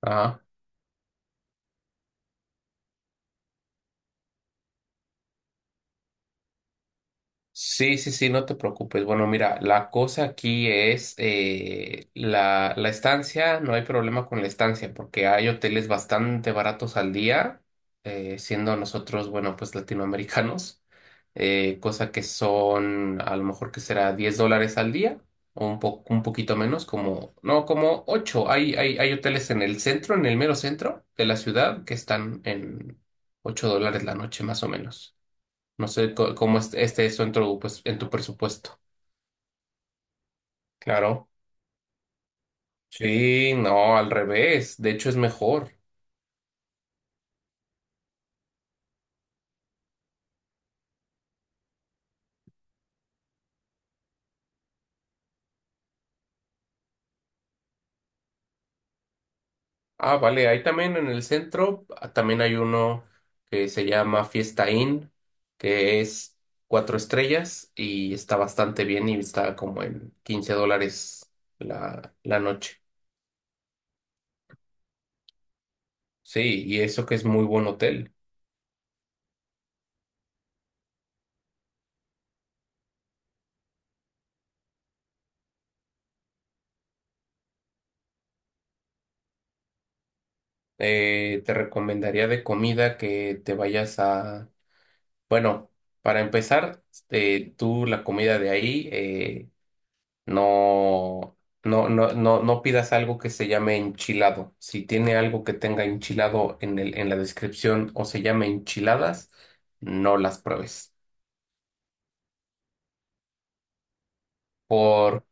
Ajá. Sí, sí, sí, no te preocupes. Bueno, mira, la cosa aquí es la estancia, no hay problema con la estancia, porque hay hoteles bastante baratos al día, siendo nosotros, bueno, pues latinoamericanos, cosa que son a lo mejor que será 10 dólares al día, o un poquito menos, como, no, como 8. Hay hoteles en el centro, en el mero centro de la ciudad, que están en 8 dólares la noche más o menos. No sé cómo esté eso en tu, pues, en tu presupuesto. Claro. Sí, no, al revés. De hecho, es mejor. Ah, vale. Ahí también en el centro, ah, también hay uno que se llama Fiesta Inn, que es cuatro estrellas y está bastante bien y está como en 15 dólares la noche. Sí, y eso que es muy buen hotel. Te recomendaría de comida que te vayas a bueno, para empezar, tú la comida de ahí, no, no pidas algo que se llame enchilado. Si tiene algo que tenga enchilado en en la descripción o se llame enchiladas, no las pruebes. Por,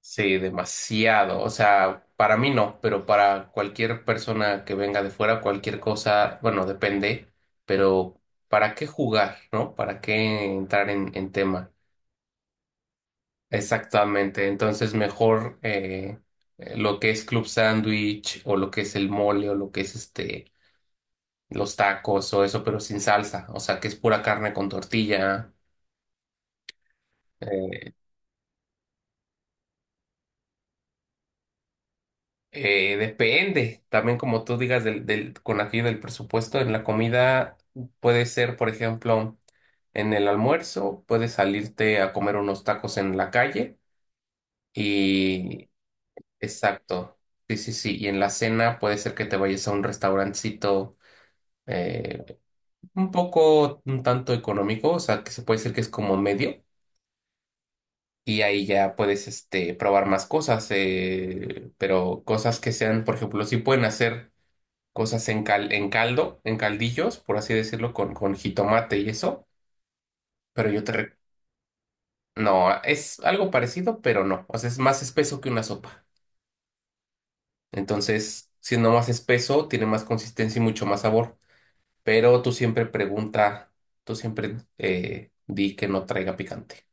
sí, demasiado. O sea, para mí no, pero para cualquier persona que venga de fuera, cualquier cosa, bueno, depende, pero ¿para qué jugar, no? ¿Para qué entrar en tema? Exactamente, entonces mejor lo que es club sándwich o lo que es el mole o lo que es este los tacos o eso, pero sin salsa, o sea que es pura carne con tortilla. eh, depende, también como tú digas del, con aquello del presupuesto, en la comida puede ser, por ejemplo, en el almuerzo, puedes salirte a comer unos tacos en la calle y exacto, sí, sí, sí, y en la cena puede ser que te vayas a un restaurancito, eh, un poco, un tanto económico, o sea, que se puede decir que es como medio, y ahí ya puedes, este, probar más cosas, pero cosas que sean, por ejemplo, si pueden hacer cosas en en caldo, en caldillos, por así decirlo, con jitomate y eso, pero yo te... re- No, es algo parecido, pero no, o sea, es más espeso que una sopa. Entonces, siendo más espeso, tiene más consistencia y mucho más sabor, pero tú siempre pregunta, tú siempre di que no traiga picante.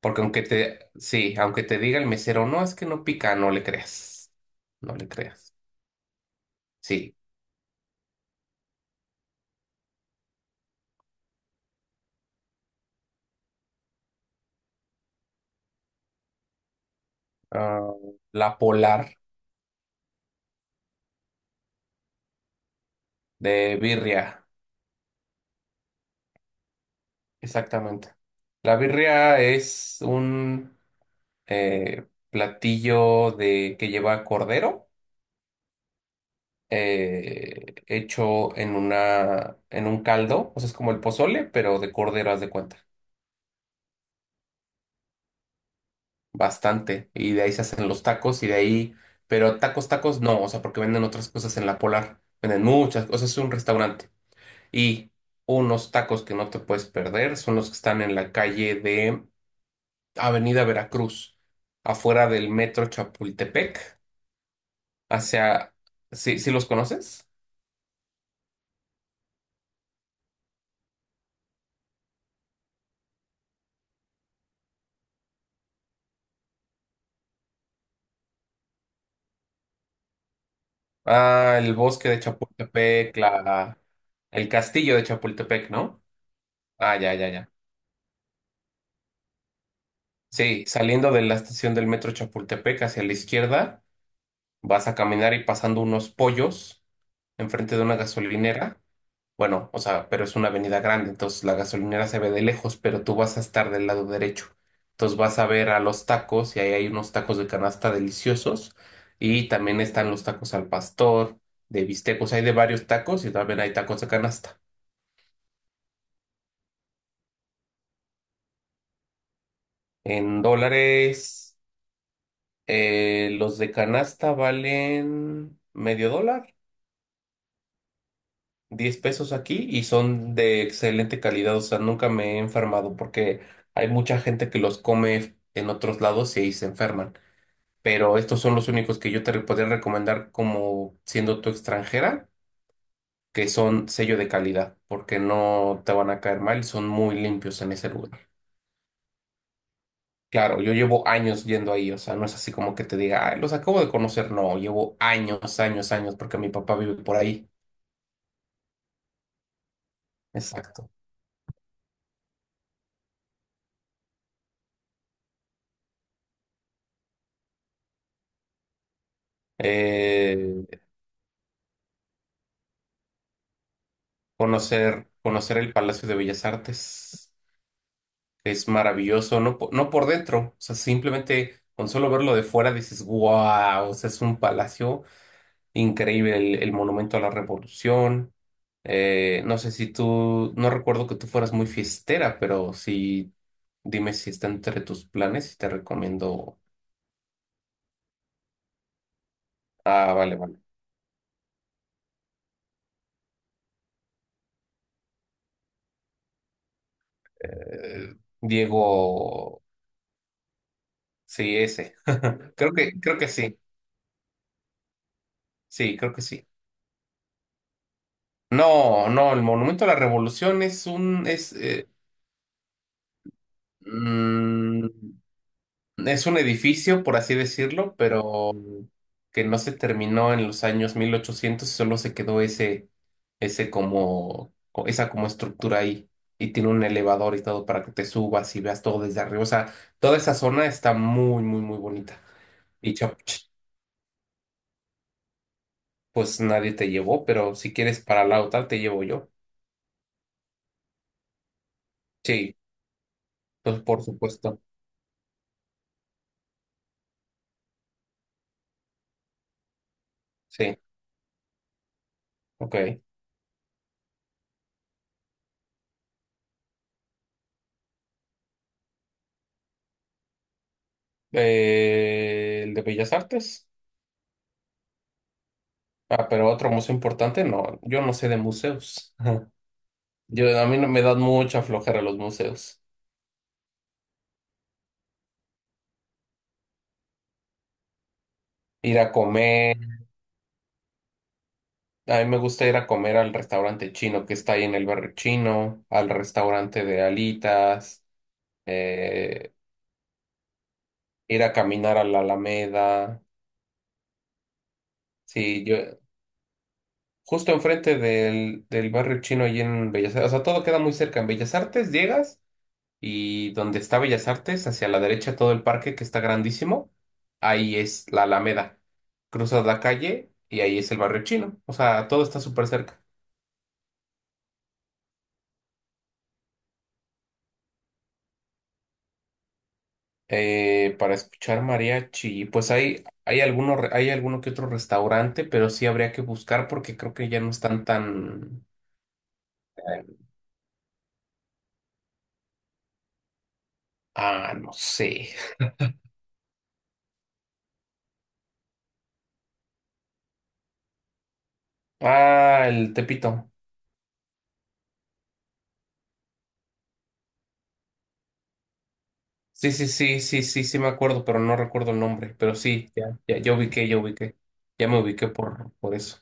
Porque aunque te, sí, aunque te diga el mesero, no, es que no pica, no le creas. No le creas. Sí. Ah, la Polar de birria. Exactamente. La birria es un eh, platillo de, que lleva cordero, hecho en una, en un caldo. O sea, es como el pozole, pero de cordero, haz de cuenta. Bastante. Y de ahí se hacen los tacos y de ahí, pero tacos, tacos no, o sea, porque venden otras cosas en la Polar. Venden muchas cosas, es un restaurante. Y unos tacos que no te puedes perder son los que están en la calle de Avenida Veracruz, afuera del metro Chapultepec, hacia... ¿Sí, sí los conoces? Ah, el bosque de Chapultepec, la... el castillo de Chapultepec, ¿no? Ah, ya, ya, ya. Sí, saliendo de la estación del metro Chapultepec hacia la izquierda. Vas a caminar y pasando unos pollos enfrente de una gasolinera. Bueno, o sea, pero es una avenida grande, entonces la gasolinera se ve de lejos, pero tú vas a estar del lado derecho. Entonces vas a ver a los tacos y ahí hay unos tacos de canasta deliciosos y también están los tacos al pastor, de bistecos, hay de varios tacos y también hay tacos de canasta. En dólares, los de canasta valen medio dólar. Diez pesos aquí y son de excelente calidad, o sea, nunca me he enfermado porque hay mucha gente que los come en otros lados y ahí se enferman. Pero estos son los únicos que yo te podría recomendar como siendo tu extranjera, que son sello de calidad, porque no te van a caer mal y son muy limpios en ese lugar. Claro, yo llevo años yendo ahí, o sea, no es así como que te diga, "Ay, los acabo de conocer, no, llevo años, años, años, porque mi papá vive por ahí. Exacto. Eh, conocer, conocer el Palacio de Bellas Artes. Es maravilloso, no, no por dentro, o sea, simplemente con solo verlo de fuera dices, wow, o sea, es un palacio increíble, el monumento a la Revolución. No sé si tú, no recuerdo que tú fueras muy fiestera, pero sí, dime si está entre tus planes y te recomiendo. Ah, vale, vale. Eh, Diego, sí, ese. Creo que sí, sí, creo que sí. No, no, el Monumento a la Revolución es un, es, mm, es un edificio, por así decirlo, pero que no se terminó en los años 1800 y solo se quedó ese, ese como, esa como estructura ahí. Y tiene un elevador y todo para que te subas y veas todo desde arriba. O sea, toda esa zona está muy, muy, muy bonita. Y pues nadie te llevó, pero si quieres para la otra te llevo yo. Sí, pues por supuesto. Sí, ok. El de Bellas Artes. Ah, pero otro museo importante, no, yo no sé de museos. Yo, a mí no me dan mucha flojera los museos. Ir a comer, a mí me gusta ir a comer al restaurante chino que está ahí en el barrio chino, al restaurante de alitas, eh, ir a caminar a la Alameda. Sí, yo, justo enfrente del barrio chino ahí en Bellas Artes, o sea, todo queda muy cerca. En Bellas Artes llegas. Y donde está Bellas Artes, hacia la derecha todo el parque que está grandísimo, ahí es la Alameda. Cruzas la calle y ahí es el barrio chino. O sea, todo está súper cerca. Para escuchar mariachi, pues hay alguno, hay alguno que otro restaurante, pero sí habría que buscar porque creo que ya no están tan... Ah, no sé. Ah, el Tepito. Sí, sí, sí, sí, sí, sí me acuerdo, pero no recuerdo el nombre. Pero sí, ya, ya, ya ubiqué, ya ubiqué. Ya me ubiqué por eso.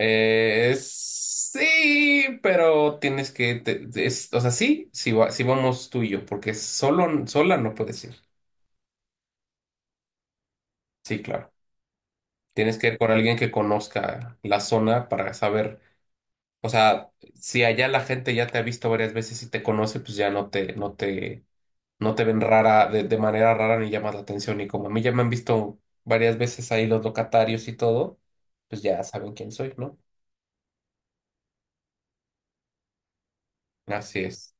Sí, pero tienes que, o sea, sí, sí, sí vamos tú y yo, porque solo, sola no puedes ir. Sí, claro. Tienes que ir con alguien que conozca la zona para saber, o sea, si allá la gente ya te ha visto varias veces y te conoce, pues ya no te, no te, no te ven rara, de manera rara ni llamas la atención. Y como a mí ya me han visto varias veces ahí los locatarios y todo, pues ya saben quién soy, ¿no? Así es.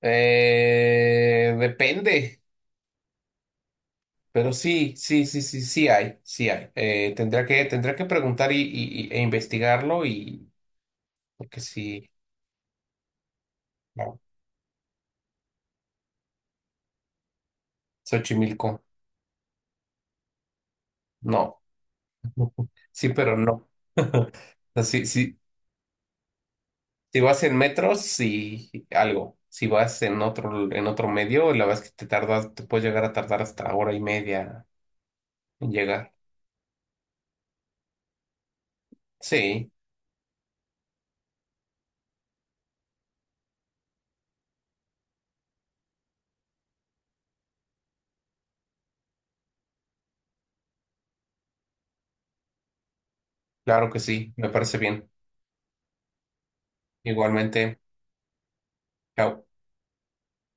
Depende. Pero sí, sí, sí, sí, sí hay, sí hay. Tendría que preguntar y, e investigarlo y porque sí, no, Xochimilco, no. Sí, pero no. O sea, sí, sí, si vas en metros, sí, algo. Si vas en otro medio, la verdad es que te tardas, te puedes llegar a tardar hasta hora y media en llegar. Sí, claro que sí, me parece bien. Igualmente, chao.